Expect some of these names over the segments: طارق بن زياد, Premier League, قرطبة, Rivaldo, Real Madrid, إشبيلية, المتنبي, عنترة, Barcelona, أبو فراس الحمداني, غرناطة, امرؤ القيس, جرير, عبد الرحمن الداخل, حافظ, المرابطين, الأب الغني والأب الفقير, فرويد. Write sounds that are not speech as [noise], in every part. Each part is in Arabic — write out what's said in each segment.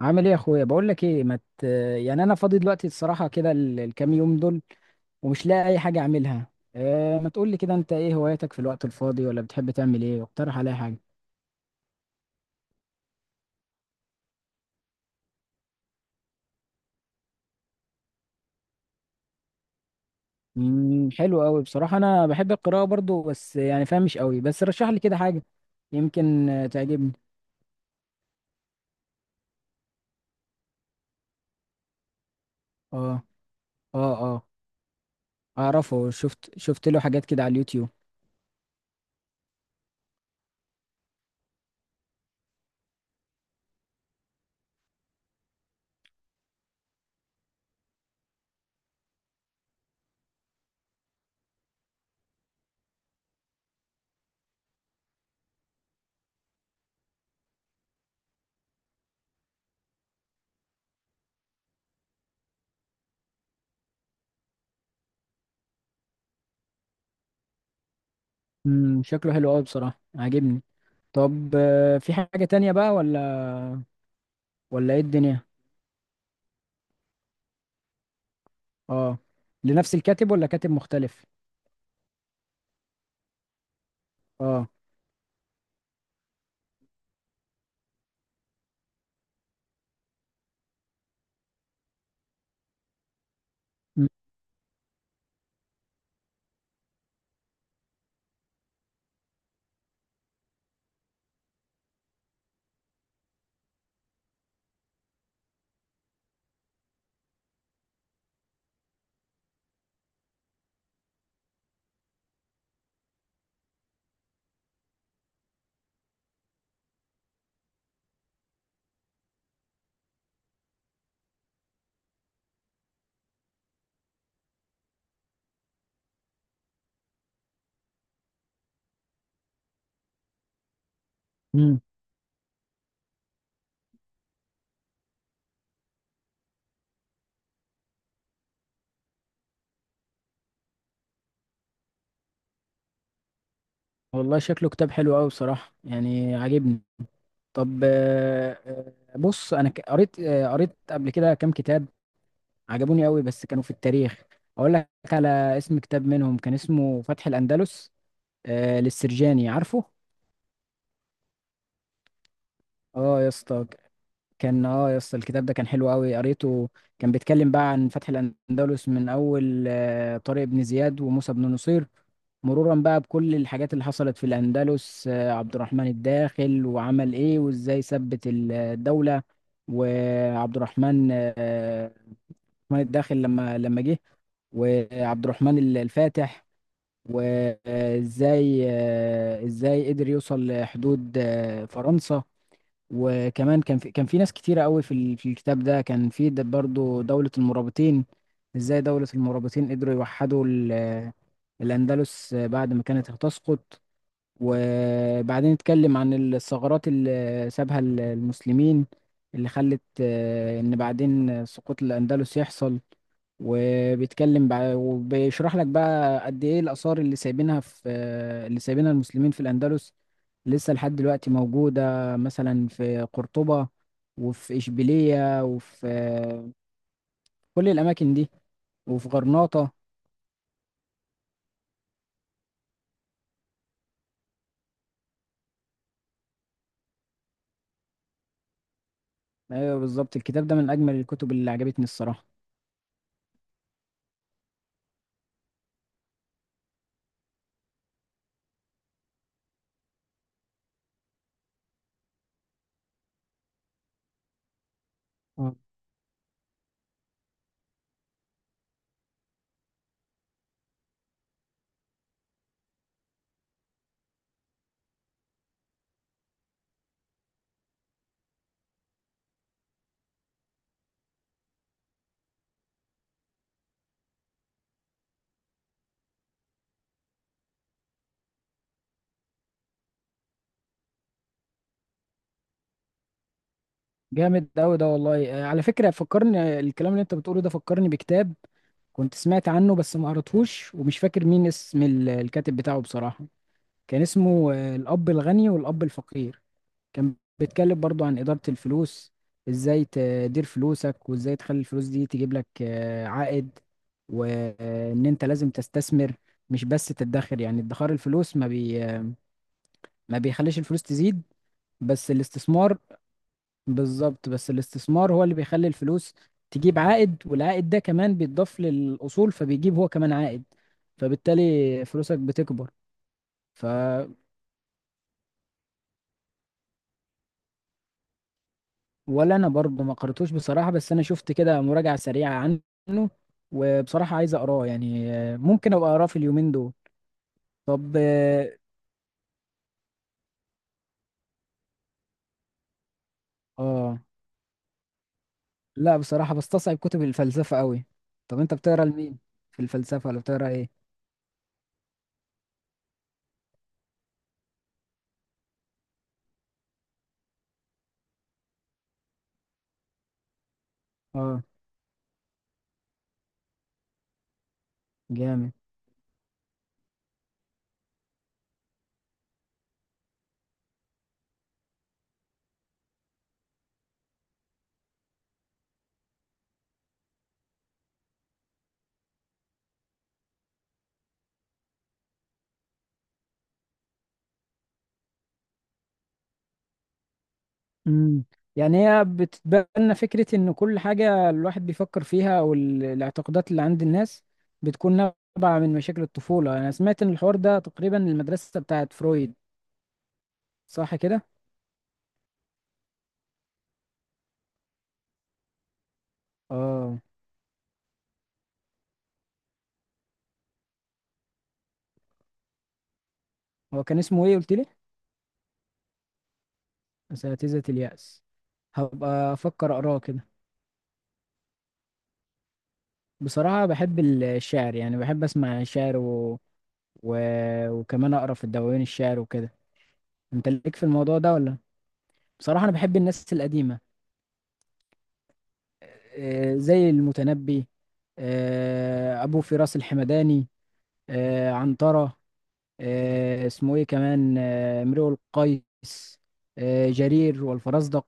عامل ايه يا اخويا؟ بقول لك ايه، ما مت... يعني انا فاضي دلوقتي الصراحه كده، الكام يوم دول، ومش لاقي اي حاجه اعملها. إيه، ما تقول لي كده، انت ايه هواياتك في الوقت الفاضي، ولا بتحب تعمل ايه؟ اقترح عليا حاجه. حلو قوي بصراحه، انا بحب القراءه برضو، بس يعني فاهم مش قوي. بس رشح لي كده حاجه يمكن تعجبني. اه، اه، اه، اعرفه. شفت له حاجات كده على اليوتيوب. شكله حلو قوي بصراحه، عاجبني. طب في حاجه تانية بقى، ولا ايه الدنيا؟ اه. لنفس الكاتب ولا كاتب مختلف؟ اه. امم والله شكله كتاب حلو قوي بصراحة، يعني عاجبني. طب بص، انا قريت قريت قبل كده كام كتاب عجبوني قوي، بس كانوا في التاريخ. اقول لك على اسم كتاب منهم، كان اسمه فتح الأندلس، للسرجاني، عارفه. اه يا اسطى. كان يا اسطى الكتاب ده كان حلو قوي، قريته. كان بيتكلم بقى عن فتح الاندلس من اول طارق بن زياد وموسى بن نصير، مرورا بقى بكل الحاجات اللي حصلت في الاندلس. عبد الرحمن الداخل وعمل ايه وازاي ثبت الدولة. وعبد الرحمن الداخل لما جه. وعبد الرحمن الفاتح، وازاي ازاي قدر يوصل لحدود فرنسا. وكمان كان في ناس كتيرة قوي في الكتاب ده. كان في برضو دولة المرابطين، ازاي دولة المرابطين قدروا يوحدوا الأندلس بعد ما كانت هتسقط. وبعدين اتكلم عن الثغرات اللي سابها المسلمين، اللي خلت ان بعدين سقوط الاندلس يحصل. وبيشرح لك بقى قد ايه الاثار اللي سايبينها في آه، اللي سايبينها المسلمين في الاندلس، لسه لحد دلوقتي موجوده. مثلا في قرطبه، وفي اشبيليه، وفي كل الاماكن دي، وفي غرناطه. ايوه بالظبط، الكتاب ده من اجمل الكتب اللي عجبتني الصراحه. جامد قوي ده والله. على فكرة، فكرني الكلام اللي انت بتقوله ده، فكرني بكتاب كنت سمعت عنه بس ما قريتهوش، ومش فاكر مين اسم الكاتب بتاعه بصراحة. كان اسمه الأب الغني والأب الفقير. كان بيتكلم برضو عن إدارة الفلوس، ازاي تدير فلوسك وازاي تخلي الفلوس دي تجيب لك عائد، وان انت لازم تستثمر، مش بس تدخر. يعني ادخار الفلوس ما بيخليش الفلوس تزيد. بس الاستثمار بالظبط، بس الاستثمار هو اللي بيخلي الفلوس تجيب عائد، والعائد ده كمان بيتضاف للأصول فبيجيب هو كمان عائد، فبالتالي فلوسك بتكبر. ف ولا انا برضه ما قرأتوش بصراحة، بس انا شفت كده مراجعة سريعة عنه، وبصراحة عايز اقراه. يعني ممكن ابقى اقراه في اليومين دول. طب اه. آه، لا بصراحة، بستصعب كتب الفلسفة قوي. طب انت بتقرا لمين في الفلسفة، ولا بتقرا ايه؟ اه، جامد. مم. يعني هي بتتبنى فكرة إن كل حاجة الواحد بيفكر فيها، أو الاعتقادات اللي عند الناس، بتكون نابعة من مشاكل الطفولة. أنا سمعت إن الحوار ده تقريبا المدرسة بتاعت فرويد. صح كده؟ آه. هو كان اسمه إيه قلت لي؟ أساتذة اليأس. هبقى أفكر أقراه كده. بصراحة بحب الشعر، يعني بحب أسمع شعر و... وكمان أقرأ في الدواوين الشعر وكده. أنت ليك في الموضوع ده ولا؟ بصراحة أنا بحب الناس القديمة. زي المتنبي، أبو فراس الحمداني، عنترة، اسمه إيه كمان، امرؤ القيس، جرير والفرزدق.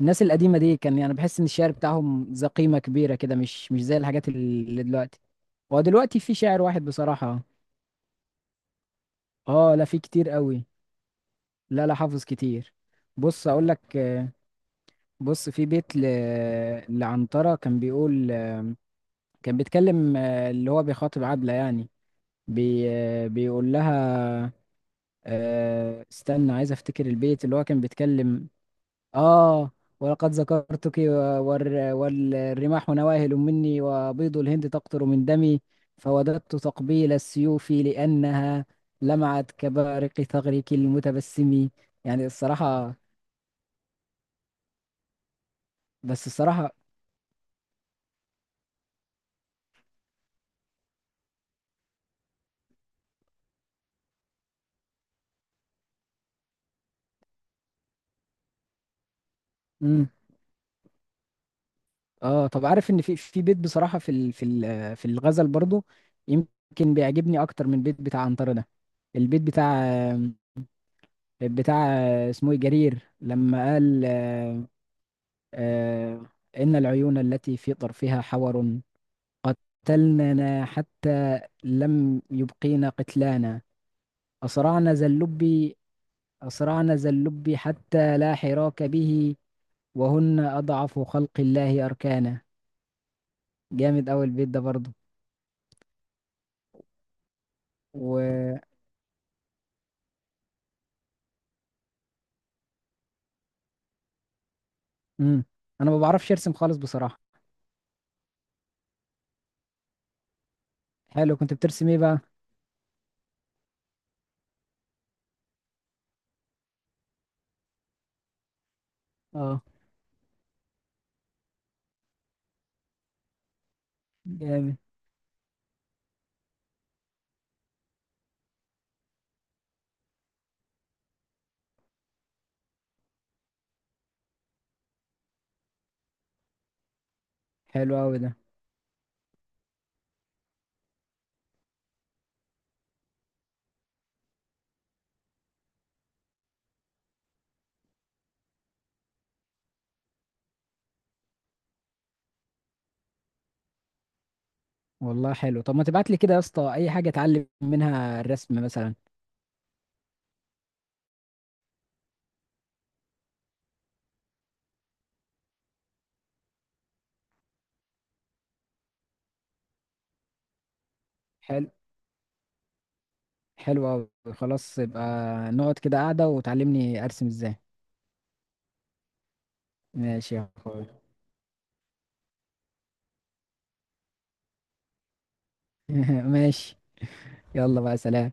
الناس القديمة دي كان يعني بحس إن الشعر بتاعهم ذا قيمة كبيرة كده، مش زي الحاجات اللي دلوقتي. هو دلوقتي في شاعر واحد بصراحة. آه لا، في كتير قوي. لا، لا، حافظ كتير. بص أقول لك. بص، في بيت لعنترة كان بيقول، كان بيتكلم، اللي هو بيخاطب عبلة يعني. بي بيقول لها، استنى عايز افتكر البيت اللي هو كان بيتكلم. اه. ولقد ذكرتك والرماح نواهل مني، وبيض الهند تقطر من دمي، فوددت تقبيل السيوف لأنها لمعت كبارق ثغرك المتبسم. يعني الصراحة بس الصراحة. امم اه، طب عارف ان في بيت بصراحة، في الغزل برضو، يمكن بيعجبني اكتر من البيت بتاع عنترة ده. البيت بتاع اسمه إيه؟ جرير لما قال، آه، إن العيون التي في طرفها حور، قتلننا حتى لم يبقينا قتلانا. أسرعنا ذا اللب أسرعنا ذا اللب حتى لا حراك به، وهن أضعف خلق الله أركانا. جامد أوي البيت ده برضه. و... مم. أنا ما بعرفش أرسم خالص بصراحة. حلو، كنت بترسم إيه بقى؟ اه، جامد. حلو أوي ده. والله حلو. طب ما تبعت لي كده يا اسطى اي حاجه اتعلم منها الرسم مثلا. حلو. حلو أوي. خلاص، يبقى نقعد كده قاعده وتعلمني ارسم ازاي. ماشي يا اخويا. [laughs] ماشي. يلا بقى، سلام.